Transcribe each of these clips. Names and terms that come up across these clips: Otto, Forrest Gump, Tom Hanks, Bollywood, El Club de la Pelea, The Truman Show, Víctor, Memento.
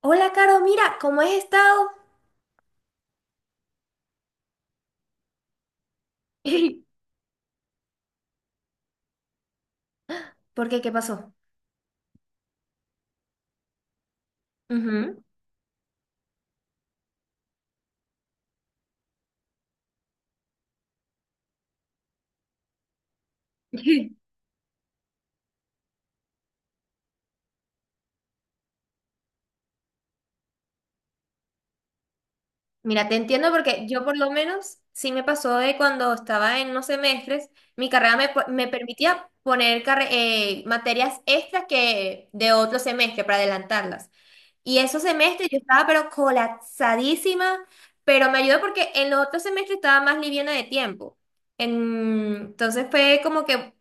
Hola, Caro, mira, ¿cómo has estado? ¿Por qué? ¿Qué pasó? Ujú. Mira, te entiendo porque yo por lo menos sí me pasó de cuando estaba en unos semestres, mi carrera me, me permitía poner materias extras que de otro semestre para adelantarlas. Y esos semestres yo estaba pero colapsadísima, pero me ayudó porque en los otros semestres estaba más liviana de tiempo. Entonces fue como que,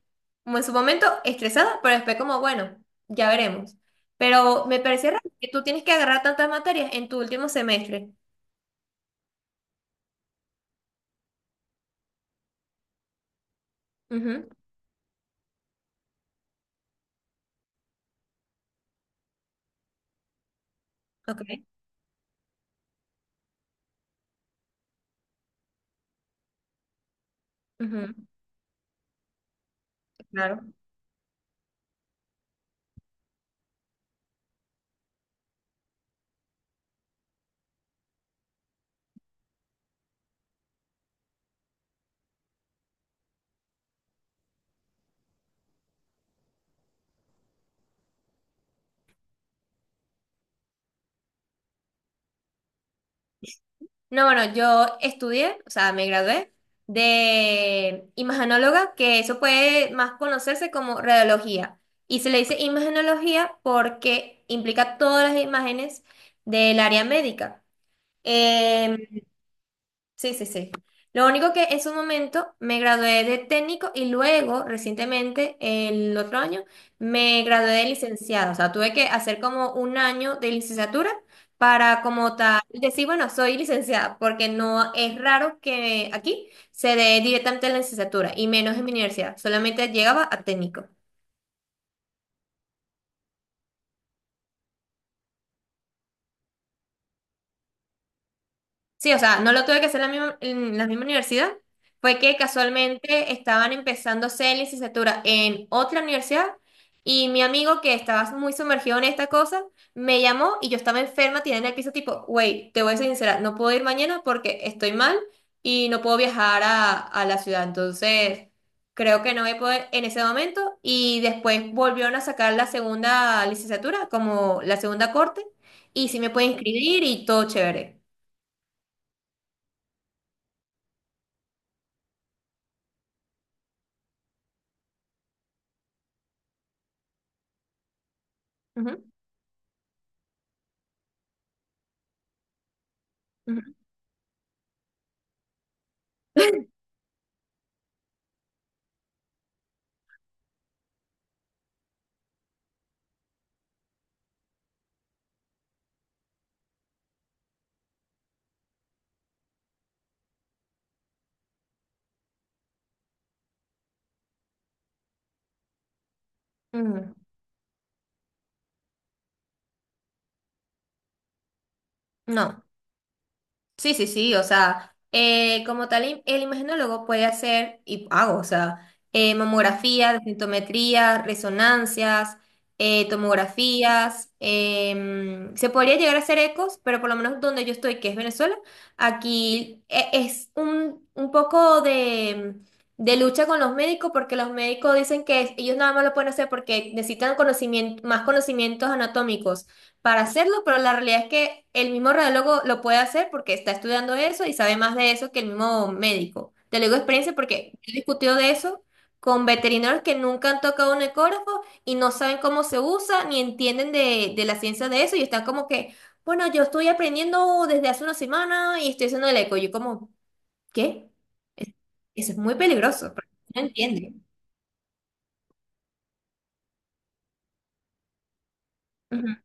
como en su momento, estresada, pero después como, bueno, ya veremos. Pero me parecía raro que tú tienes que agarrar tantas materias en tu último semestre. Ujú. Ok. Ujú. Claro. No, bueno, yo estudié, o sea, me gradué de imagenóloga, que eso puede más conocerse como radiología. Y se le dice imagenología porque implica todas las imágenes del área médica. Em, Sí, sí, sí. Lo único que en su momento me gradué de técnico y luego, recientemente, el otro año, me gradué de licenciado. O sea, tuve que hacer como un año de licenciatura para como tal decir, bueno, soy licenciada, porque no es raro que aquí se dé directamente la licenciatura y menos en mi universidad. Solamente llegaba a técnico. Sí, o sea, no lo tuve que hacer en la misma universidad. Fue que casualmente estaban empezando a hacer licenciatura en otra universidad y mi amigo que estaba muy sumergido en esta cosa me llamó y yo estaba enferma, tirada en el piso tipo, wey, te voy a ser sincera, no puedo ir mañana porque estoy mal y no puedo viajar a la ciudad. Entonces, creo que no voy a poder en ese momento y después volvieron a sacar la segunda licenciatura como la segunda corte y sí me pueden inscribir y todo chévere. Ujú, ujú. Mm, No, sí, sí, sí, o sea, como tal, el imaginólogo puede hacer, y hago, o sea, mamografía, densitometría, resonancias, tomografías, se podría llegar a hacer ecos, pero por lo menos donde yo estoy, que es Venezuela, aquí es un poco de lucha con los médicos, porque los médicos dicen que ellos nada más lo pueden hacer porque necesitan conocimiento, más conocimientos anatómicos, para hacerlo, pero la realidad es que el mismo radiólogo lo puede hacer porque está estudiando eso y sabe más de eso que el mismo médico. Te lo digo de experiencia porque he discutido de eso con veterinarios que nunca han tocado un ecógrafo y no saben cómo se usa ni entienden de la ciencia de eso y están como que, bueno, yo estoy aprendiendo desde hace una semana y estoy haciendo el eco. Yo como, ¿qué? Eso es muy peligroso, porque no entienden. Ujú.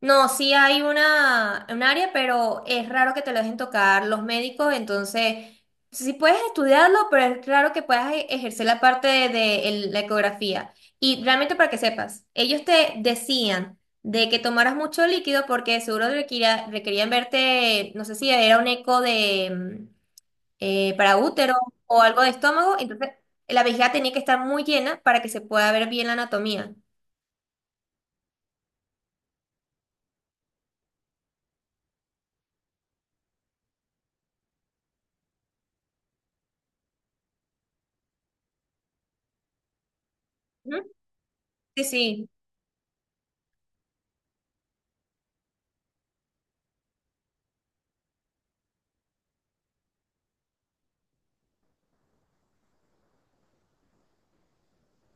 No, sí hay una, un área, pero es raro que te lo dejen tocar los médicos, entonces sí puedes estudiarlo, pero es raro que puedas ejercer la parte de la ecografía. Y realmente para que sepas, ellos te decían de que tomaras mucho líquido porque seguro requerían verte, no sé si era un eco de para útero o algo de estómago, entonces la vejiga tenía que estar muy llena para que se pueda ver bien la anatomía. Ujú. Sí, sí.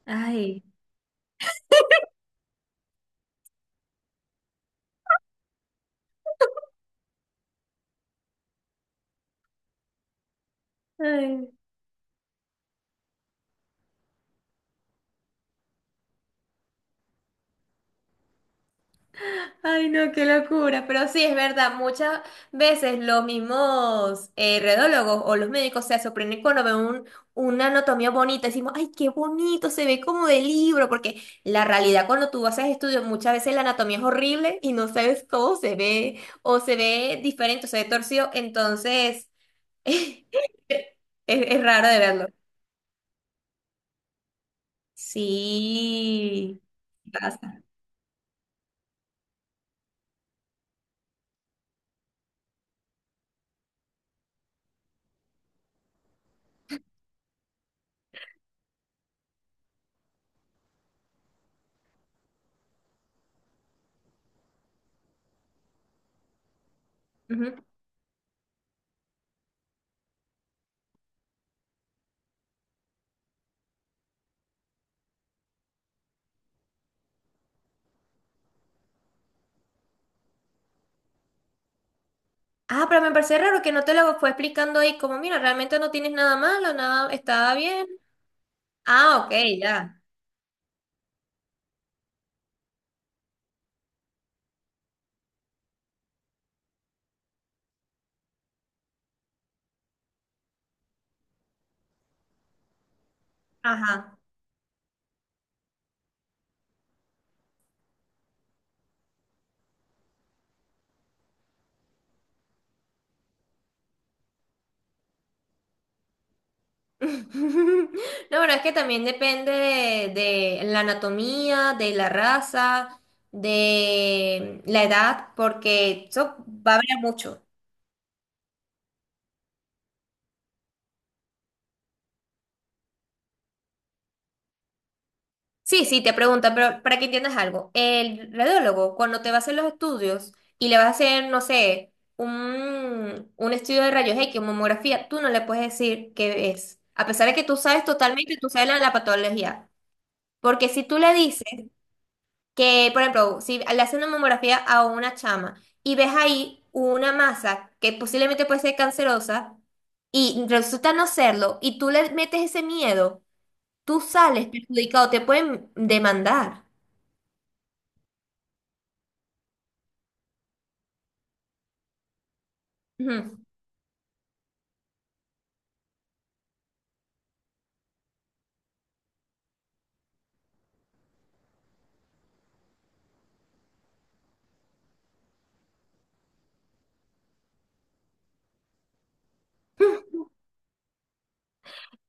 Ay. Ay. Ay, no, qué locura. Pero sí, es verdad, muchas veces los mismos redólogos o los médicos se sorprenden cuando ven una anatomía bonita. Decimos, ay, qué bonito, se ve como de libro, porque la realidad cuando tú haces estudios, muchas veces la anatomía es horrible y no sabes cómo se ve, o se ve diferente, o se ve torcido. Entonces, es, es raro de verlo. Sí, pasa. Ah, pero me parece raro que no te lo fue explicando ahí, como mira, realmente no tienes nada malo, nada, está bien. Ah, ok, ya. Ajá. No, pero es que también depende de la anatomía, de la raza, de la edad, porque eso va a variar mucho. Sí, sí, te preguntan, pero para que entiendas algo, el radiólogo, cuando te va a hacer los estudios y le vas a hacer, no sé, un estudio de rayos X, mamografía, tú no le puedes decir qué es, a pesar de que tú sabes totalmente, tú sabes la, la patología. Porque si tú le dices que, por ejemplo, si le hacen una mamografía a una chama y ves ahí una masa que posiblemente puede ser cancerosa y resulta no serlo, y tú le metes ese miedo, tú sales perjudicado, te pueden demandar. Ujú.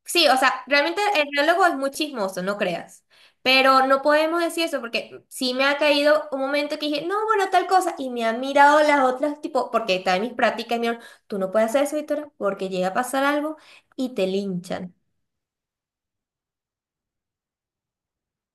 Sí, o sea, realmente el biólogo es muy chismoso, no creas. Pero no podemos decir eso porque sí me ha caído un momento que dije, no, bueno, tal cosa, y me han mirado las otras, tipo, porque está en mis prácticas, y me dijeron, tú no puedes hacer eso, Víctora, porque llega a pasar algo y te linchan.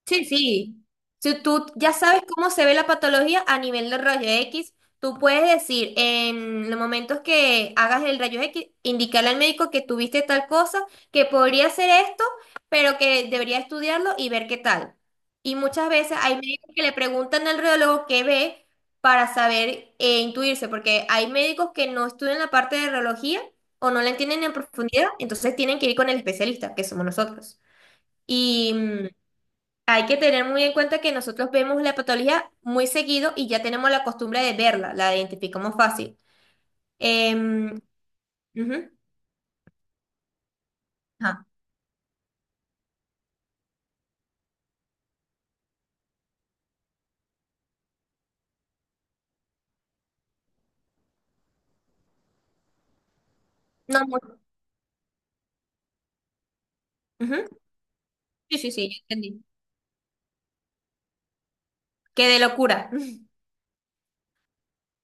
Sí, sí. Si tú ya sabes cómo se ve la patología a nivel de rayo X, tú puedes decir en los momentos que hagas el rayo X, indicarle al médico que tuviste tal cosa, que podría ser esto, pero que debería estudiarlo y ver qué tal. Y muchas veces hay médicos que le preguntan al radiólogo qué ve para saber e intuirse, porque hay médicos que no estudian la parte de radiología o no la entienden en profundidad, entonces tienen que ir con el especialista, que somos nosotros. Y hay que tener muy en cuenta que nosotros vemos la patología muy seguido y ya tenemos la costumbre de verla, la identificamos fácil. Em, ujú, ajá. No, ujú. Sí, sí, sí, ya entendí. Qué de locura.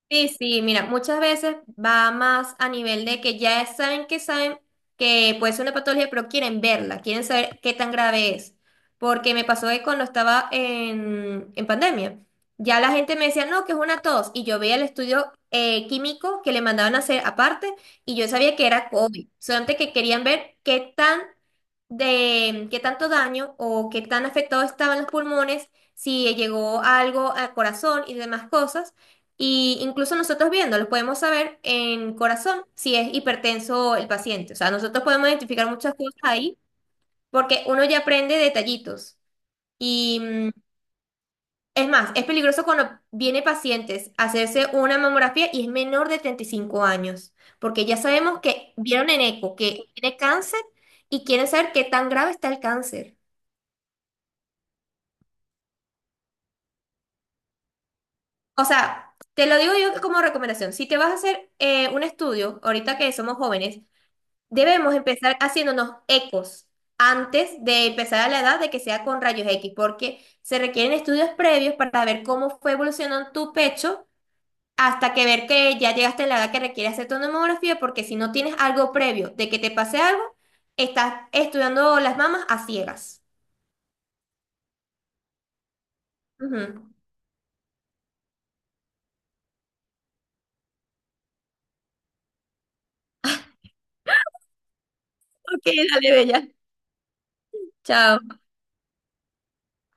Sí, sí, mira, muchas veces va más a nivel de que saben que puede ser una patología, pero quieren verla, quieren saber qué tan grave es. Porque me pasó que cuando estaba en pandemia, ya la gente me decía, no, que es una tos, y yo veía el estudio químico que le mandaban a hacer aparte, y yo sabía que era COVID, solamente que querían ver qué tan de qué tanto daño o qué tan afectado estaban los pulmones, si llegó algo al corazón y demás cosas. Y incluso nosotros viéndolos podemos saber en corazón si es hipertenso el paciente. O sea, nosotros podemos identificar muchas cosas ahí porque uno ya aprende detallitos. Y es más, es peligroso cuando viene pacientes a hacerse una mamografía y es menor de 35 años, porque ya sabemos que vieron en eco que tiene cáncer y quieren saber qué tan grave está el cáncer. O sea, te lo digo yo como recomendación. Si te vas a hacer un estudio, ahorita que somos jóvenes, debemos empezar haciéndonos ecos antes de empezar a la edad de que sea con rayos X, porque se requieren estudios previos para ver cómo fue evolucionando tu pecho hasta que ver que ya llegaste a la edad que requiere hacer tu mamografía, porque si no tienes algo previo de que te pase algo, estás estudiando las mamas a ciegas. Ujú. Ok, dale, bella. Chao.